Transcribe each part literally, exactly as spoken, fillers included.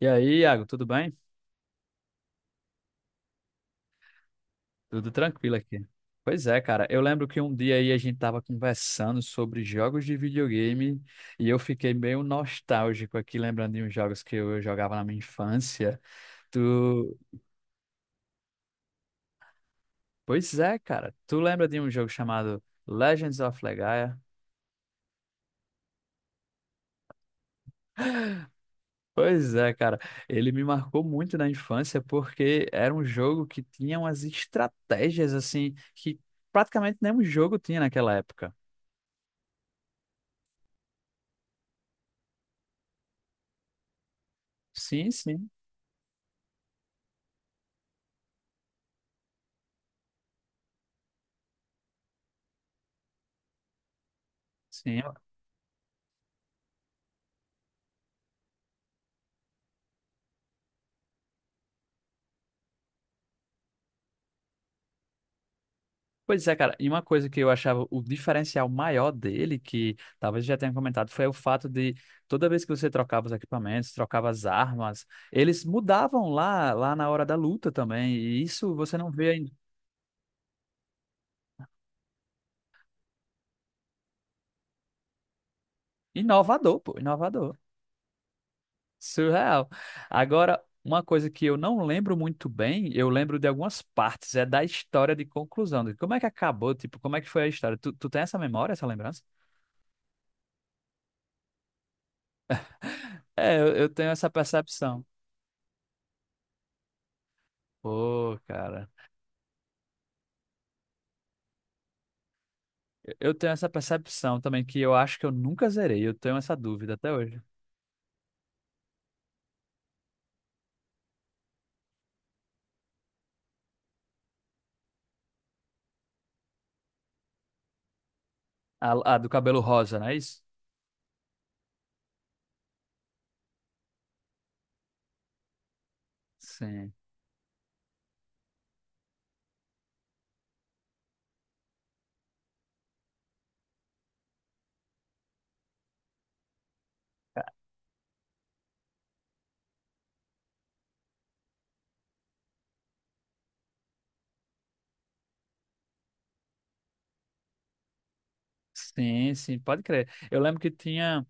E aí, Iago, tudo bem? Tudo tranquilo aqui. Pois é, cara. Eu lembro que um dia aí a gente tava conversando sobre jogos de videogame e eu fiquei meio nostálgico aqui, lembrando de uns jogos que eu jogava na minha infância. Tu. Pois é, cara. Tu lembra de um jogo chamado Legends of Legaia? Pois é, cara. Ele me marcou muito na infância porque era um jogo que tinha umas estratégias assim que praticamente nenhum jogo tinha naquela época. Sim, sim. Sim. Pois é, cara, e uma coisa que eu achava o diferencial maior dele, que talvez eu já tenha comentado, foi o fato de toda vez que você trocava os equipamentos, trocava as armas, eles mudavam lá, lá na hora da luta também, e isso você não vê em- inovador, pô, inovador, surreal. Agora, uma coisa que eu não lembro muito bem, eu lembro de algumas partes, é da história de conclusão, de como é que acabou, tipo, como é que foi a história? Tu, tu tem essa memória, essa lembrança? É, eu, eu tenho essa percepção. Pô, cara. Eu tenho essa percepção também, que eu acho que eu nunca zerei. Eu tenho essa dúvida até hoje. A, a do cabelo rosa, não é isso? Sim. Sim, sim, pode crer. Eu lembro que tinha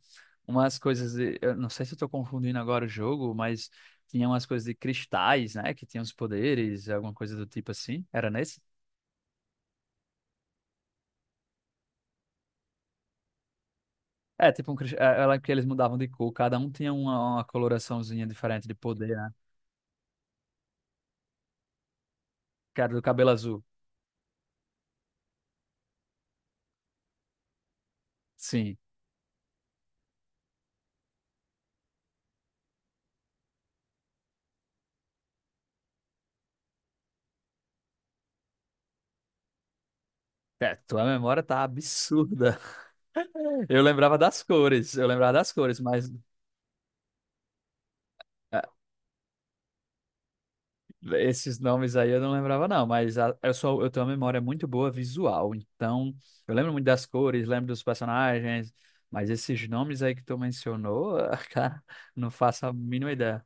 umas coisas de, eu não sei se eu tô confundindo agora o jogo, mas tinha umas coisas de cristais, né? Que tinham os poderes, alguma coisa do tipo assim. Era nesse? É, tipo um cristal. Eu lembro que eles mudavam de cor, cada um tinha uma, uma coloraçãozinha diferente de poder, né? Que era do cabelo azul. Sim. É, tua memória tá absurda. Eu lembrava das cores, eu lembrava das cores, mas ah, esses nomes aí eu não lembrava não, mas a- eu sou, eu tenho uma memória muito boa visual, então eu lembro muito das cores, lembro dos personagens, mas esses nomes aí que tu mencionou, ah, cara, não faço a mínima ideia.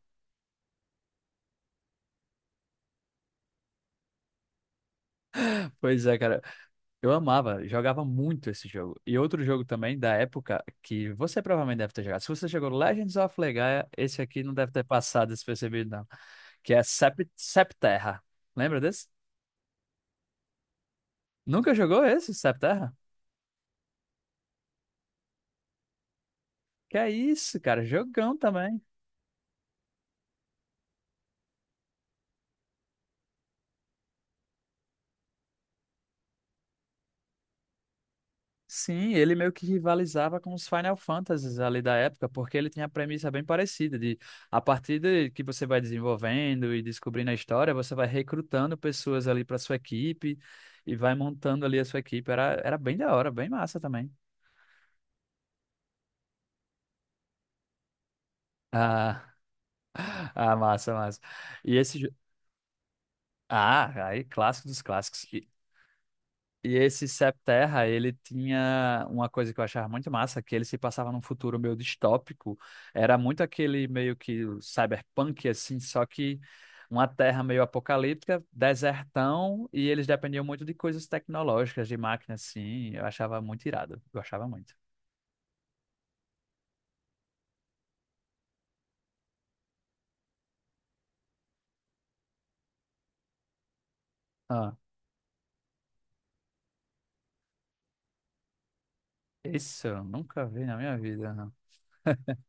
Pois é, cara, eu amava, jogava muito esse jogo. E outro jogo também da época que você provavelmente deve ter jogado. Se você jogou Legends of Legaia, esse aqui não deve ter passado despercebido não, que é Sep- Septerra. Lembra desse? Nunca jogou esse, Septerra? Que é isso, cara, jogão também. Sim, ele meio que rivalizava com os Final Fantasies ali da época, porque ele tinha a premissa bem parecida de a partir de que você vai desenvolvendo e descobrindo a história, você vai recrutando pessoas ali para sua equipe e vai montando ali a sua equipe. Era, era bem da hora, bem massa também. Ah, ah, massa, massa. E esse jo- Ah, aí clássico dos clássicos. E esse Septerra, ele tinha uma coisa que eu achava muito massa, que ele se passava num futuro meio distópico. Era muito aquele meio que cyberpunk, assim, só que uma terra meio apocalíptica, desertão, e eles dependiam muito de coisas tecnológicas, de máquinas, assim. Eu achava muito irado, eu achava muito. Ah, isso eu nunca vi na minha vida, não.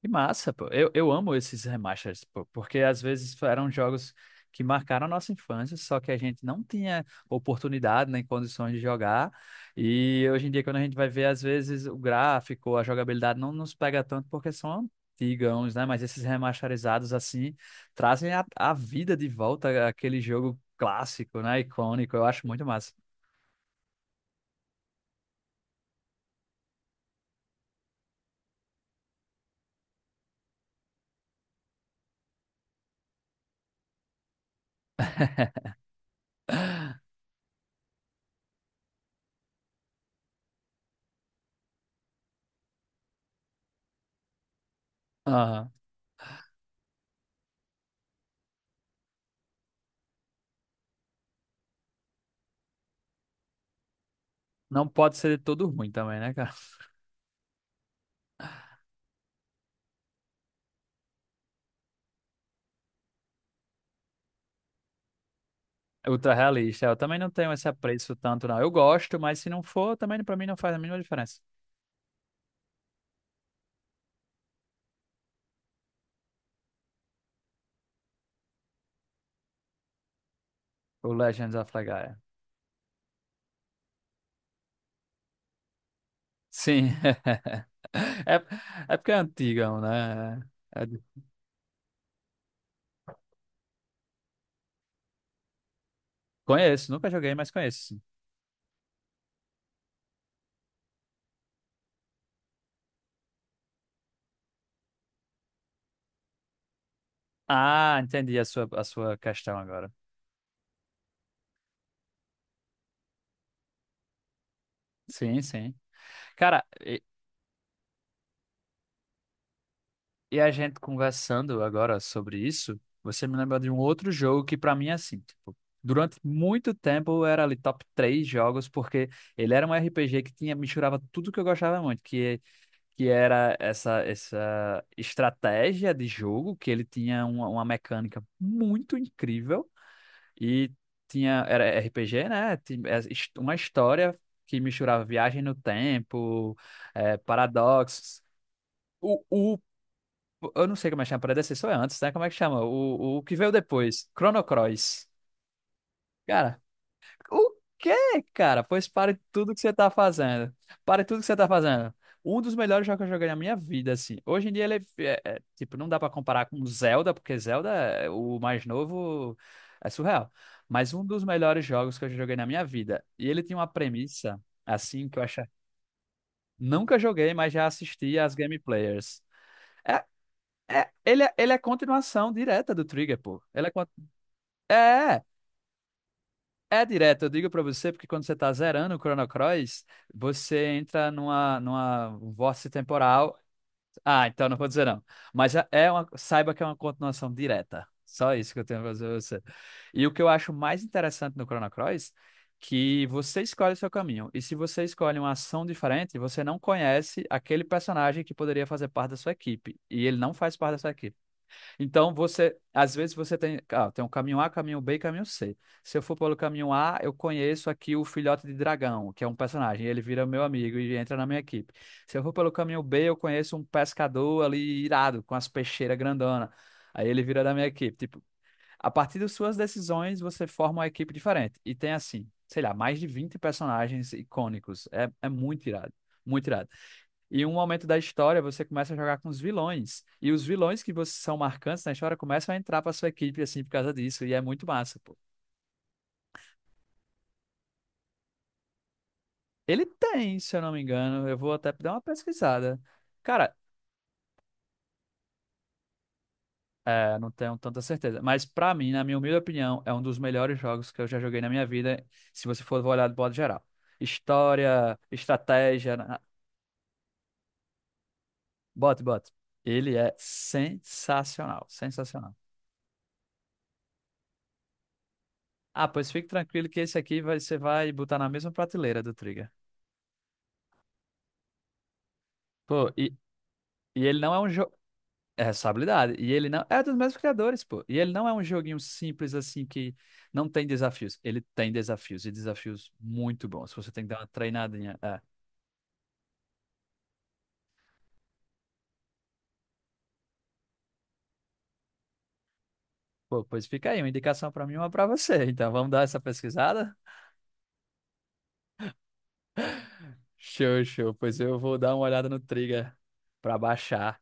Que massa, pô. Eu, eu amo esses remasters, pô, porque às vezes eram jogos que marcaram a nossa infância, só que a gente não tinha oportunidade nem condições de jogar. E hoje em dia, quando a gente vai ver, às vezes o gráfico, a jogabilidade não nos pega tanto porque são antigãos, né? Mas esses remasterizados, assim, trazem a, a vida de volta àquele jogo clássico, né? Icônico. Eu acho muito massa. Aham. Não pode ser todo ruim também, né, cara? Ultra realista. Eu também não tenho esse apreço tanto, não. Eu gosto, mas se não for, também pra mim não faz a mínima diferença. O Legends of Legaia. Sim. É, é porque é antigão, né? É é de- conheço, nunca joguei, mas conheço, sim. Ah, entendi a sua, a sua questão agora. Sim, sim. Cara, e a gente conversando agora sobre isso, você me lembra de um outro jogo que pra mim é assim, tipo, durante muito tempo era ali top três jogos, porque ele era um R P G que tinha, misturava tudo que eu gostava muito, que, que era essa, essa estratégia de jogo, que ele tinha uma, uma mecânica muito incrível e tinha, era R P G, né? Tinha é, his- uma história que misturava viagem no tempo, eh, paradoxos. O, eu não sei como é que chama, predecessor é antes, né? Como é que chama? O, o que veio depois? Chrono Cross. Cara, o quê, cara? Pois pare tudo que você tá fazendo. Pare tudo que você tá fazendo. Um dos melhores jogos que eu joguei na minha vida, assim. Hoje em dia ele é, é- é, tipo, não dá pra comparar com Zelda, porque Zelda, é- o mais novo, é surreal. Mas um dos melhores jogos que eu já joguei na minha vida. E ele tem uma premissa, assim, que eu acho. Nunca joguei, mas já assisti às gameplayers. É, ele, é- ele é continuação direta do Trigger, pô. Ele é, con- é, é é direto. Eu digo pra você, porque quando você tá zerando o Chrono Cross, você entra numa, numa vórtice temporal. Ah, então não vou dizer não. Mas é é uma, saiba que é uma continuação direta. Só isso que eu tenho pra dizer pra você. E o que eu acho mais interessante no Chrono Cross, que você escolhe o seu caminho. E se você escolhe uma ação diferente, você não conhece aquele personagem que poderia fazer parte da sua equipe. E ele não faz parte da sua equipe. Então você, às vezes você tem, ah, tem um caminho A, caminho B e caminho C. Se eu for pelo caminho A, eu conheço aqui o filhote de dragão, que é um personagem, ele vira meu amigo e entra na minha equipe. Se eu for pelo caminho B, eu conheço um pescador ali irado, com as peixeiras grandona. Aí ele vira da minha equipe. Tipo, a partir das suas decisões, você forma uma equipe diferente. E tem assim, sei lá, mais de vinte personagens icônicos. É, é muito irado, muito irado. E em um momento da história, você começa a jogar com os vilões. E os vilões que você são marcantes na história começam a entrar pra sua equipe, assim, por causa disso. E é muito massa, pô. Ele tem, se eu não me engano, eu vou até dar uma pesquisada. Cara, é, não tenho tanta certeza. Mas pra mim, na minha humilde opinião, é um dos melhores jogos que eu já joguei na minha vida, se você for olhar de modo geral. História, estratégia, na- bote, bote. Ele é sensacional, sensacional. Ah, pois fique tranquilo que esse aqui vai- você vai botar na mesma prateleira do Trigger. Pô, e, e ele não é um jogo. É responsabilidade. E ele não. É dos mesmos criadores, pô. E ele não é um joguinho simples assim que não tem desafios. Ele tem desafios e desafios muito bons. Você tem que dar uma treinadinha. É. Pô, pois fica aí, uma indicação pra mim e uma pra você. Então vamos dar essa pesquisada? Show, show. Pois eu vou dar uma olhada no Trigger pra baixar.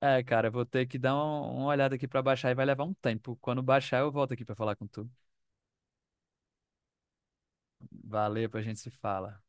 É, cara, eu vou ter que dar um- uma olhada aqui pra baixar e vai levar um tempo. Quando baixar, eu volto aqui pra falar com tu. Valeu, a gente se fala.